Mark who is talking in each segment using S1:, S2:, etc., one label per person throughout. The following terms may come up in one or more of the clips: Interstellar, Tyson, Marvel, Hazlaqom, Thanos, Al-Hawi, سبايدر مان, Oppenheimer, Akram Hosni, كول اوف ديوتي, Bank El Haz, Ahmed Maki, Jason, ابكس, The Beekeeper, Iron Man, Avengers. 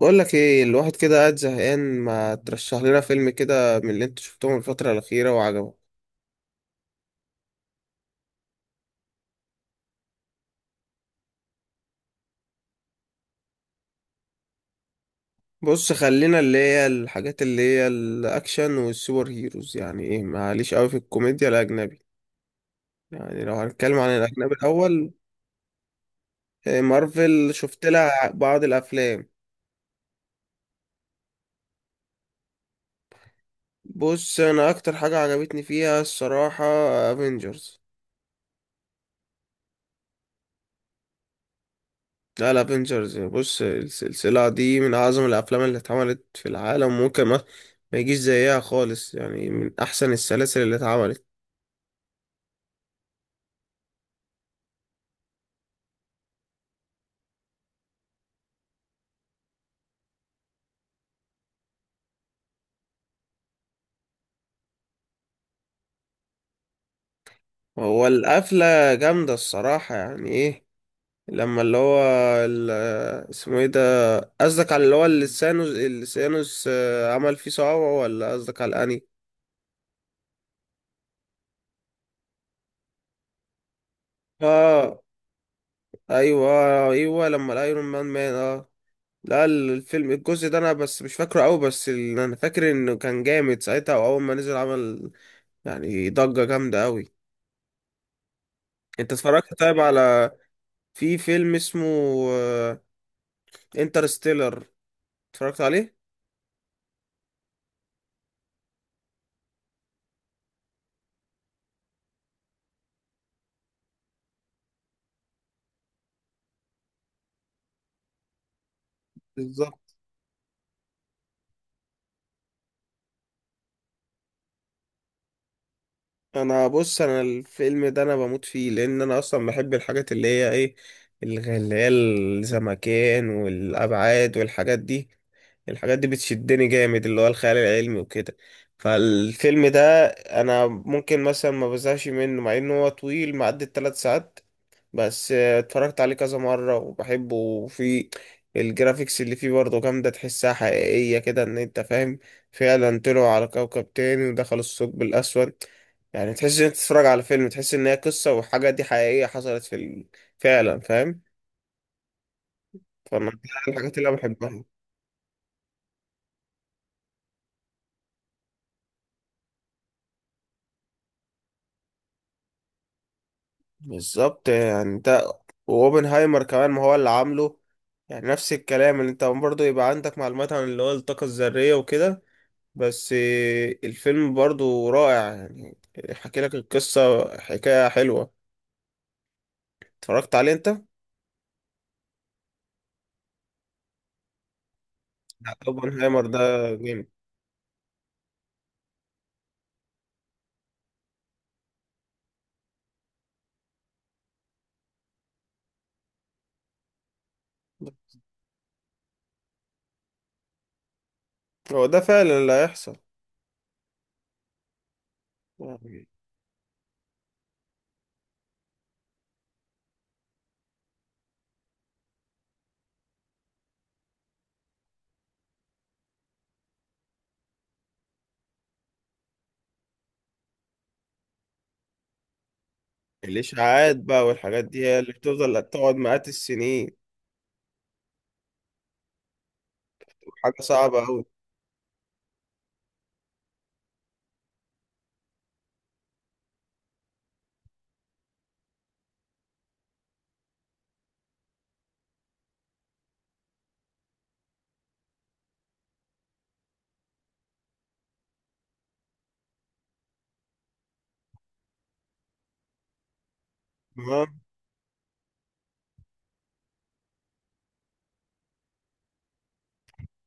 S1: بقول لك ايه. الواحد كده قاعد زهقان، ما ترشح لنا فيلم كده من اللي انت شفتهم الفترة الأخيرة وعجبك. بص، خلينا اللي هي الحاجات اللي هي الأكشن والسوبر هيروز. يعني ايه، معليش قوي في الكوميديا الأجنبي. يعني لو هنتكلم عن الأجنبي الأول. إيه، مارفل شفت لها بعض الأفلام. بص، أنا أكتر حاجة عجبتني فيها الصراحة افنجرز. لا لا، افنجرز بص، السلسلة دي من أعظم الأفلام اللي اتعملت في العالم، وممكن ما يجيش زيها خالص، يعني من أحسن السلاسل اللي اتعملت. هو القفلة جامدة الصراحة. يعني إيه لما اللي هو ال- اسمه إيه ده، قصدك على اللي هو اللي ثانوس عمل فيه صعوبة، ولا قصدك على الأني؟ آه، أيوه، أيوه لما الأيرون مان آه. لا الفيلم الجزء ده انا بس مش فاكره قوي، بس انا فاكر انه كان جامد ساعتها، واول ما نزل عمل يعني ضجة جامدة قوي. انت اتفرجت طيب على، في فيلم اسمه انترستيلر، اتفرجت عليه؟ بالظبط، انا بص، انا الفيلم ده انا بموت فيه، لان انا اصلا بحب الحاجات اللي هي ايه، اللي هي الزمكان والابعاد والحاجات دي. الحاجات دي بتشدني جامد، اللي هو الخيال العلمي وكده. فالفيلم ده انا ممكن مثلا ما بزهقش منه، مع انه هو طويل معدي 3 ساعات. بس اتفرجت عليه كذا مرة وبحبه. وفي الجرافيكس اللي فيه برضه جامدة، تحسها حقيقية كده، ان انت فاهم. فعلا طلعوا على كوكب تاني ودخلوا الثقب الأسود. يعني تحس ان انت تتفرج على فيلم، تحس ان هي قصة، وحاجة دي حقيقية حصلت في فعلا، فاهم؟ فانا دي الحاجات اللي انا بحبها. بالظبط، يعني ده واوبنهايمر كمان، ما هو اللي عامله. يعني نفس الكلام، اللي انت برضه يبقى عندك معلومات عن اللي هو الطاقة الذرية وكده. بس الفيلم برضو رائع يعني. حكي لك القصة حكاية حلوة. اتفرجت عليه انت؟ لا، اوبنهايمر ده جامد. هو ده فعلا اللي هيحصل يعني. الإشاعات بقى والحاجات دي هي اللي بتفضل تقعد مئات السنين. حاجة صعبة أوي. تمام.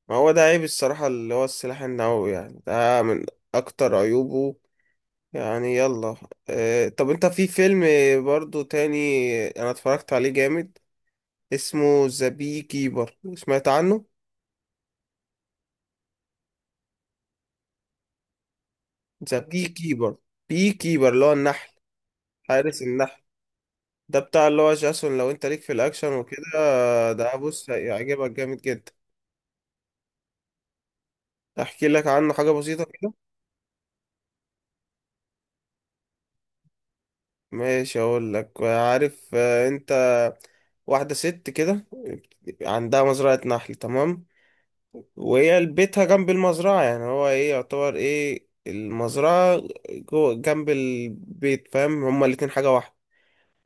S1: ما هو ده عيب الصراحة، اللي هو السلاح النووي، يعني ده من أكتر عيوبه. يعني يلا. اه، طب أنت في فيلم برضو تاني أنا اتفرجت عليه جامد، اسمه ذا بي كيبر، سمعت عنه؟ ذا بي كيبر، بي كيبر اللي هو النحل، حارس النحل. ده بتاع اللي هو جاسون. لو انت ليك في الاكشن وكده، ده بص هيعجبك جامد جدا. احكي لك عنه حاجة بسيطة كده. ماشي، اقول لك، عارف انت، واحدة ست كده عندها مزرعة نحل، تمام؟ وهي بيتها جنب المزرعة، يعني هو ايه، يعتبر ايه، المزرعة جوه جنب البيت، فاهم؟ هما الاتنين حاجة واحدة.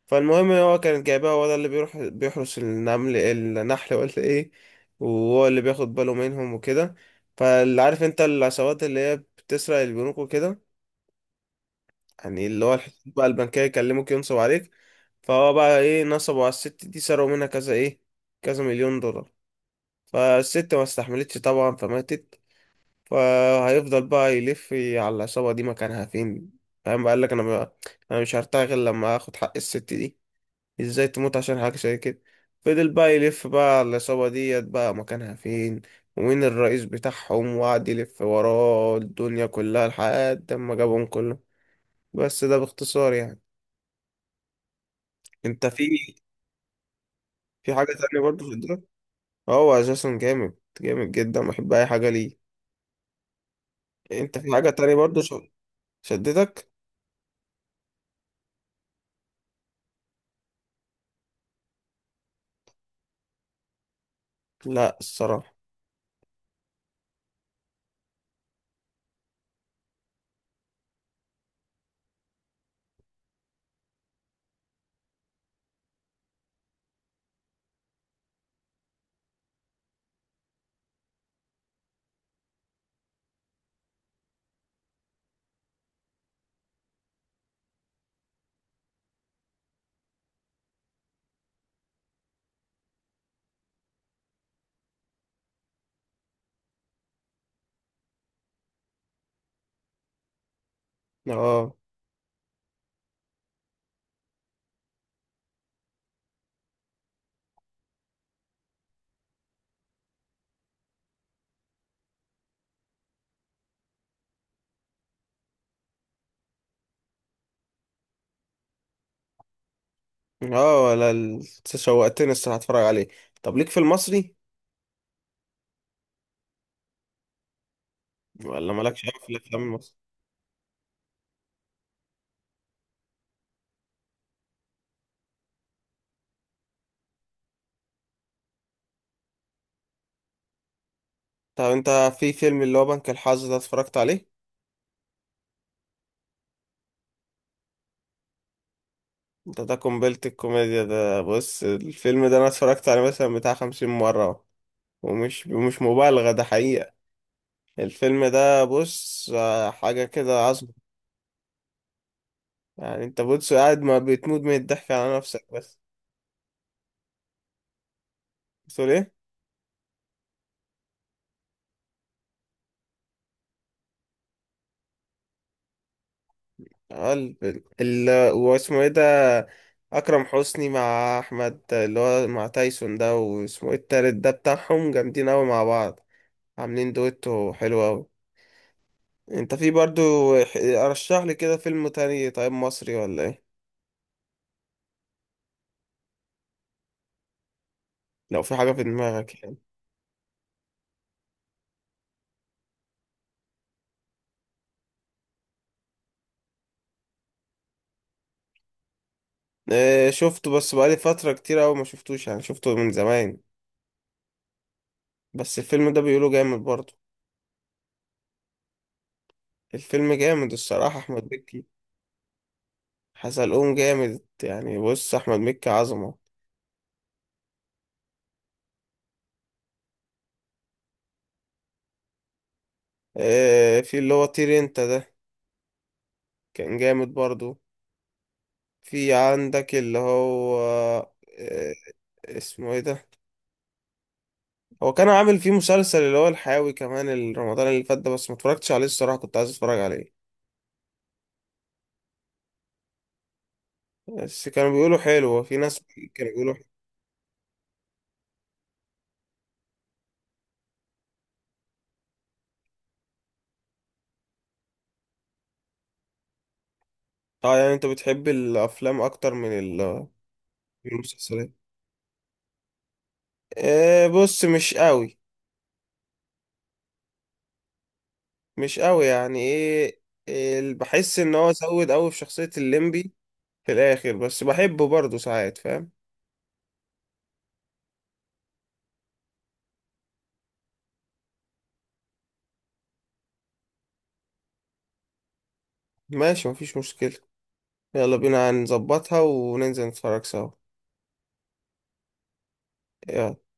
S1: فالمهم هو كانت جايباه، هو ده اللي بيروح بيحرس النمل النحل ولا ايه، وهو اللي بياخد باله منهم وكده. فاللي عارف انت العصابات اللي هي بتسرق البنوك وكده، يعني اللي هو الحساب بقى البنكية، يكلموك ينصب عليك. فهو بقى ايه، نصبوا على الست دي، سرقوا منها كذا ايه، كذا مليون دولار. فالست ما استحملتش طبعا فماتت. فهيفضل بقى يلف على العصابة دي مكانها فين. فاهم؟ بقى قال لك انا بقى، انا مش هرتاح غير لما اخد حق الست دي. ازاي تموت عشان حاجة زي كده؟ فضل بقى يلف بقى على العصابة ديت بقى، مكانها فين، ومين الرئيس بتاعهم، وقعد يلف وراه الدنيا كلها لحد ما جابهم كلهم. بس ده باختصار يعني. انت في حاجة تانية برضو في الدراما. هو اساسا جامد، جامد جدا، بحب اي حاجة ليه. انت في حاجة تانية برضو شدتك؟ لا الصراحة. اه. اه، ولا شوقتني الصراحة اتفرج عليه. طب ليك في المصري، ولا مالكش أوي في الافلام؟ طب انت في فيلم اللي هو بنك الحظ ده اتفرجت عليه؟ انت ده قنبلة الكوميديا. ده بص الفيلم ده انا اتفرجت عليه مثلا بتاع 50 مرة اهو. ومش مش مبالغة، ده حقيقة. الفيلم ده بص حاجة كده عظمة. يعني انت بص قاعد ما بتموت من الضحك على نفسك بس. بتقول ايه؟ اه، واسمه ايه ده، اكرم حسني مع احمد اللي هو مع تايسون ده، واسمه ايه التالت ده بتاعهم، جامدين اوي مع بعض، عاملين دويتو حلو اوي. انت في برضو، ارشح لي كده فيلم تاني طيب، مصري ولا ايه، لو في حاجة في دماغك يعني. اه شفته، بس بقالي فترة كتير اوي ما شفتوش يعني، شفته من زمان، بس الفيلم ده بيقولوا جامد برضو. الفيلم جامد الصراحة، احمد مكي حزلقوم جامد يعني. بص احمد مكي عظمة. اه، في اللي هو طير انت ده، كان جامد برضو. في عندك اللي هو اسمه ايه ده، هو كان عامل فيه مسلسل اللي هو الحاوي كمان رمضان اللي فات ده، بس ما اتفرجتش عليه الصراحة، كنت عايز اتفرج عليه، بس كانوا بيقولوا حلو، في ناس كانوا بيقولوا حلو. اه، يعني انت بتحب الافلام اكتر من من المسلسلات؟ آه، بص مش قوي. مش قوي يعني ايه، بحس ان هو زود قوي في شخصية الليمبي في الاخر، بس بحبه برضه ساعات، فاهم؟ ماشي، مفيش مشكلة. يلا بينا، هنظبطها وننزل نتفرج سوا. يلا.